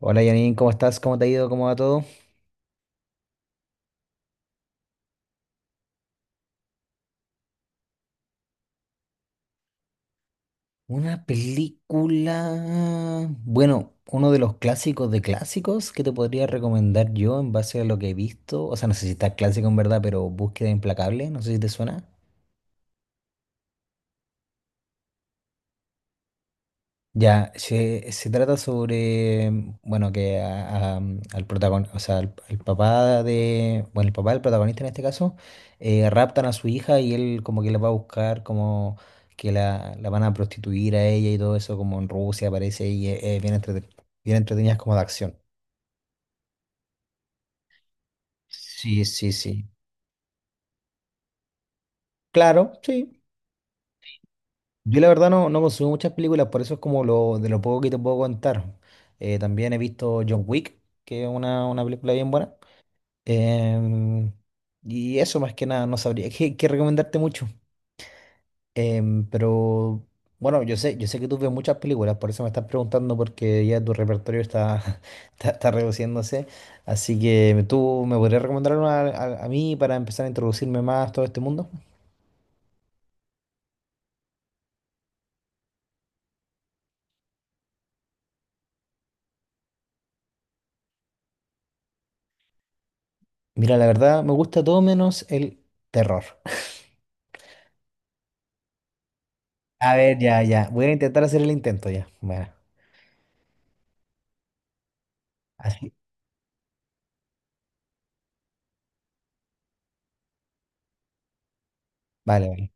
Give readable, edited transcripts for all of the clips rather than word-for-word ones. Hola Janine, ¿cómo estás? ¿Cómo te ha ido? ¿Cómo va todo? Una película... Bueno, uno de los clásicos de clásicos que te podría recomendar yo en base a lo que he visto. O sea, no sé si está clásico en verdad, pero Búsqueda Implacable, no sé si te suena. Ya, se trata sobre, bueno, que al protagonista, o sea, al papá de, bueno, el papá del protagonista en este caso, raptan a su hija y él como que la va a buscar, como que la van a prostituir a ella y todo eso, como en Rusia aparece y es bien entretenidas como de acción. Sí, sí, sí. Claro, sí. Yo la verdad no, no consumo muchas películas, por eso es como lo de lo poco que te puedo contar. También he visto John Wick, que es una película bien buena. Em, y eso más que nada, no sabría qué, qué recomendarte mucho. Pero bueno, yo sé que tú ves muchas películas, por eso me estás preguntando porque ya tu repertorio está, está, está reduciéndose. Así que tú me podrías recomendar una a mí para empezar a introducirme más a todo este mundo. Mira, la verdad, me gusta todo menos el terror. A ver, ya, ya. Voy a intentar hacer el intento ya. Bueno, así. Vale, vale.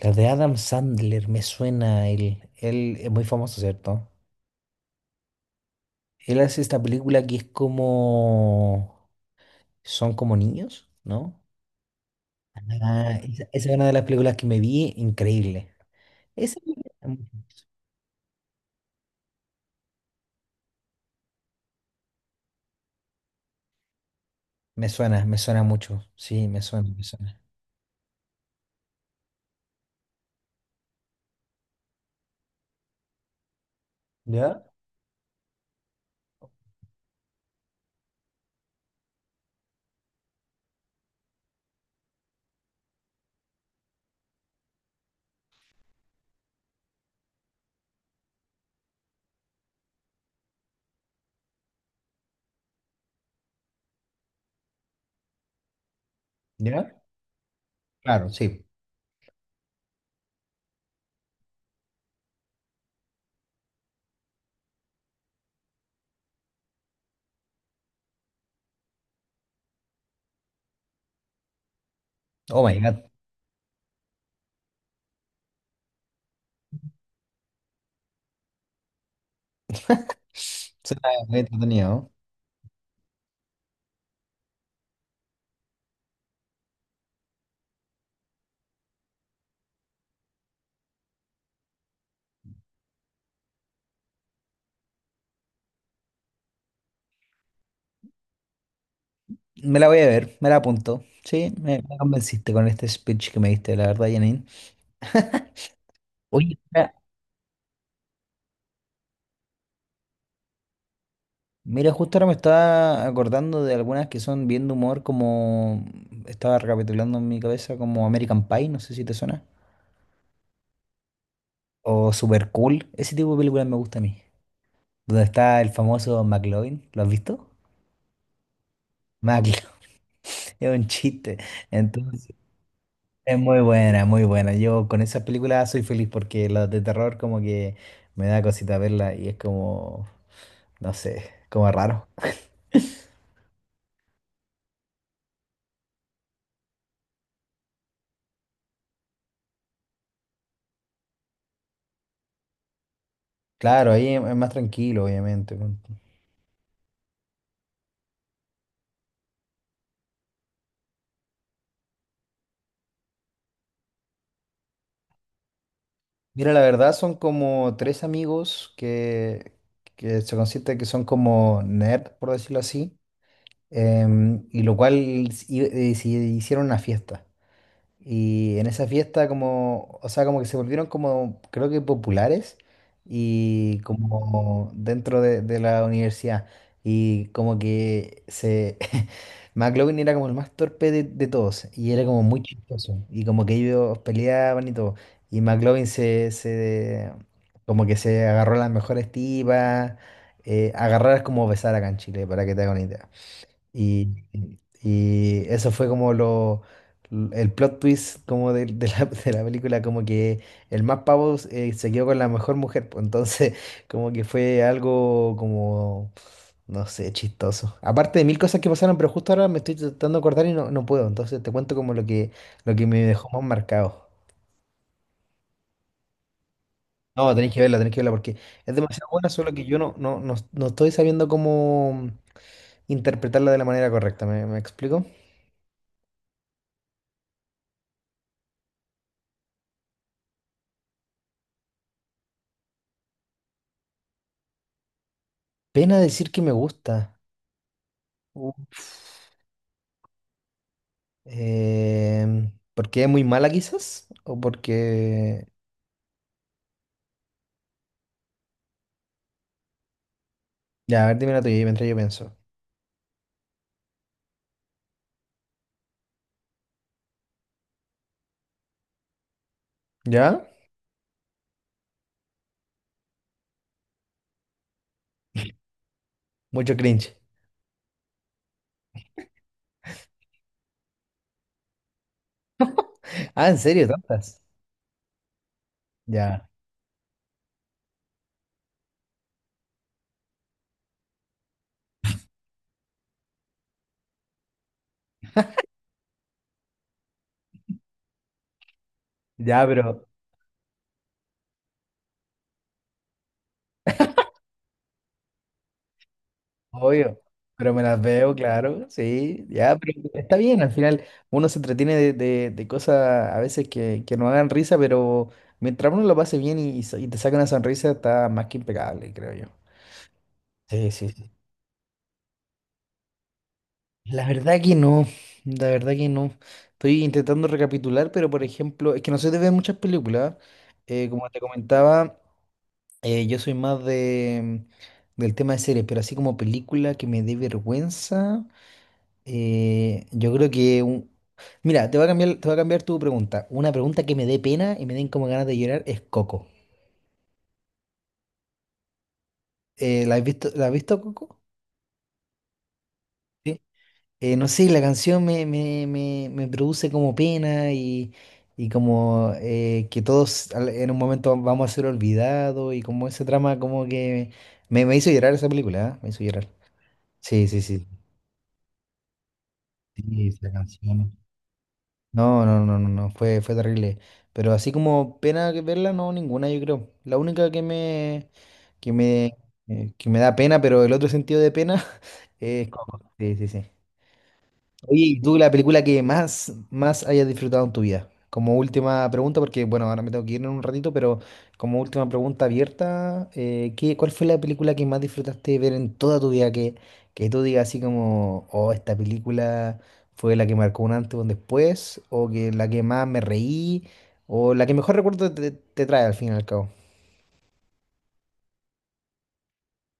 La de Adam Sandler me suena, él es muy famoso, ¿cierto? Él hace esta película que es como... Son como niños, ¿no? Ah, esa es una de las películas que me vi, increíble. Esa me gusta mucho. Me suena mucho. Sí, me suena, me suena. ¿Ya? ¿Ya? Claro, sí. Oh my God. Suena muy entretenido. Me la voy a ver, me la apunto. Sí, me convenciste con este speech que me diste, la verdad, Janine. Oye, mira, justo ahora me estaba acordando de algunas que son bien de humor, como estaba recapitulando en mi cabeza, como American Pie, no sé si te suena, o Super Cool, ese tipo de películas me gusta a mí. Donde está el famoso McLovin, ¿lo has visto? McLovin, es un chiste. Entonces, es muy buena, muy buena. Yo con esas películas soy feliz porque las de terror como que me da cosita verla y es como, no sé, como raro. Claro, ahí es más tranquilo, obviamente. Mira, la verdad son como tres amigos que se consiste que son como nerd, por decirlo así, y lo cual se hicieron una fiesta. Y en esa fiesta como, o sea, como que se volvieron como, creo que populares y como dentro de la universidad. Y como que se... McLovin era como el más torpe de todos y era como muy chistoso. Y como que ellos peleaban y todo. Y McLovin se como que se agarró a las mejores tipas. Agarrar es como besar acá en Chile, para que te hagas una idea. Y, y eso fue como lo, el plot twist como de la, de la película, como que el más pavo se quedó con la mejor mujer, pues entonces como que fue algo como, no sé, chistoso. Aparte de mil cosas que pasaron, pero justo ahora me estoy tratando de acordar y no, no puedo, entonces te cuento como lo que me dejó más marcado. No, tenéis que verla porque es demasiado buena, solo que yo no estoy sabiendo cómo interpretarla de la manera correcta, ¿me, me explico? Pena decir que me gusta. Uf. ¿Porque es muy mala quizás? ¿O porque... Ya, a ver, dime la tuya y mientras yo pienso. ¿Ya? Mucho cringe. Ah, ¿en serio? ¿Tantas? Ya. Ya, pero... Obvio. Pero me las veo, claro. Sí. Ya, pero está bien. Al final uno se entretiene de, de cosas a veces que no hagan risa, pero mientras uno lo pase bien y te saca una sonrisa, está más que impecable, creo yo. Sí, sí. La verdad que no, la verdad que no. Estoy intentando recapitular, pero por ejemplo, es que no soy de ver muchas películas. Como te comentaba, yo soy más de, del tema de series, pero así como película que me dé vergüenza, yo creo que... Mira, te voy a cambiar, te voy a cambiar tu pregunta. Una pregunta que me dé pena y me den como ganas de llorar es Coco. ¿La has visto, la has visto Coco? Sí. No sé, la canción me produce como pena y como que todos en un momento vamos a ser olvidados y como ese trama como que me hizo llorar esa película, ¿eh? Me hizo llorar. Sí, sí, sí. Sí, esa canción. No, no, no, no, no, fue, fue terrible. Pero así como pena que verla, no, ninguna, yo creo. La única que me, que me, que me da pena, pero el otro sentido de pena es Coco. Sí, sí, sí. Oye, ¿y tú la película que más, más hayas disfrutado en tu vida? Como última pregunta, porque bueno, ahora me tengo que ir en un ratito, pero como última pregunta abierta, ¿qué, cuál fue la película que más disfrutaste ver en toda tu vida? Que tú digas así como, oh, esta película fue la que marcó un antes o un después, o que la que más me reí, o la que mejor recuerdo te, te trae al fin y al cabo.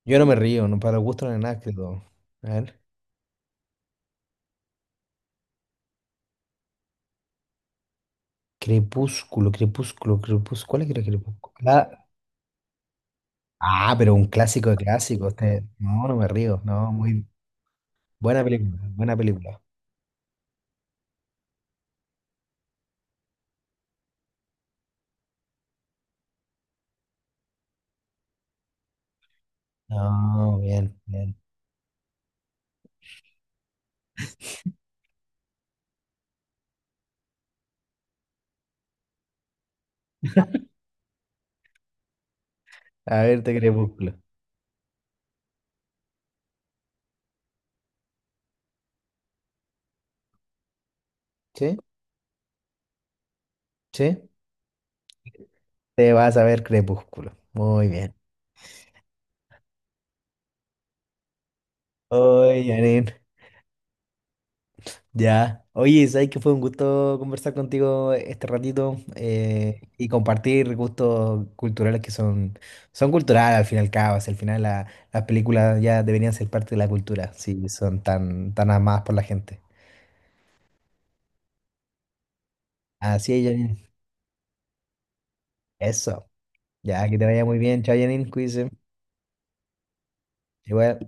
Yo no me río, no para el gusto no es nada, creo. A ver. Crepúsculo, crepúsculo, crepúsculo. ¿Cuál es que era crepúsculo? Ah, pero un clásico de clásicos. No, no me río. No, muy buena película. Buena película. No, bien, bien. A verte Crepúsculo. ¿Sí? ¿Sí? Te vas a ver Crepúsculo. Muy bien. Oye, Janine, ya. Oye, sabes que fue un gusto conversar contigo este ratito y compartir gustos culturales que son, son culturales al fin y al cabo. Si al final las películas ya deberían ser parte de la cultura, si son tan, tan amadas por la gente. Así es, Janine. Eso. Ya, que te vaya muy bien. Chao, Janine, cuídese. Igual.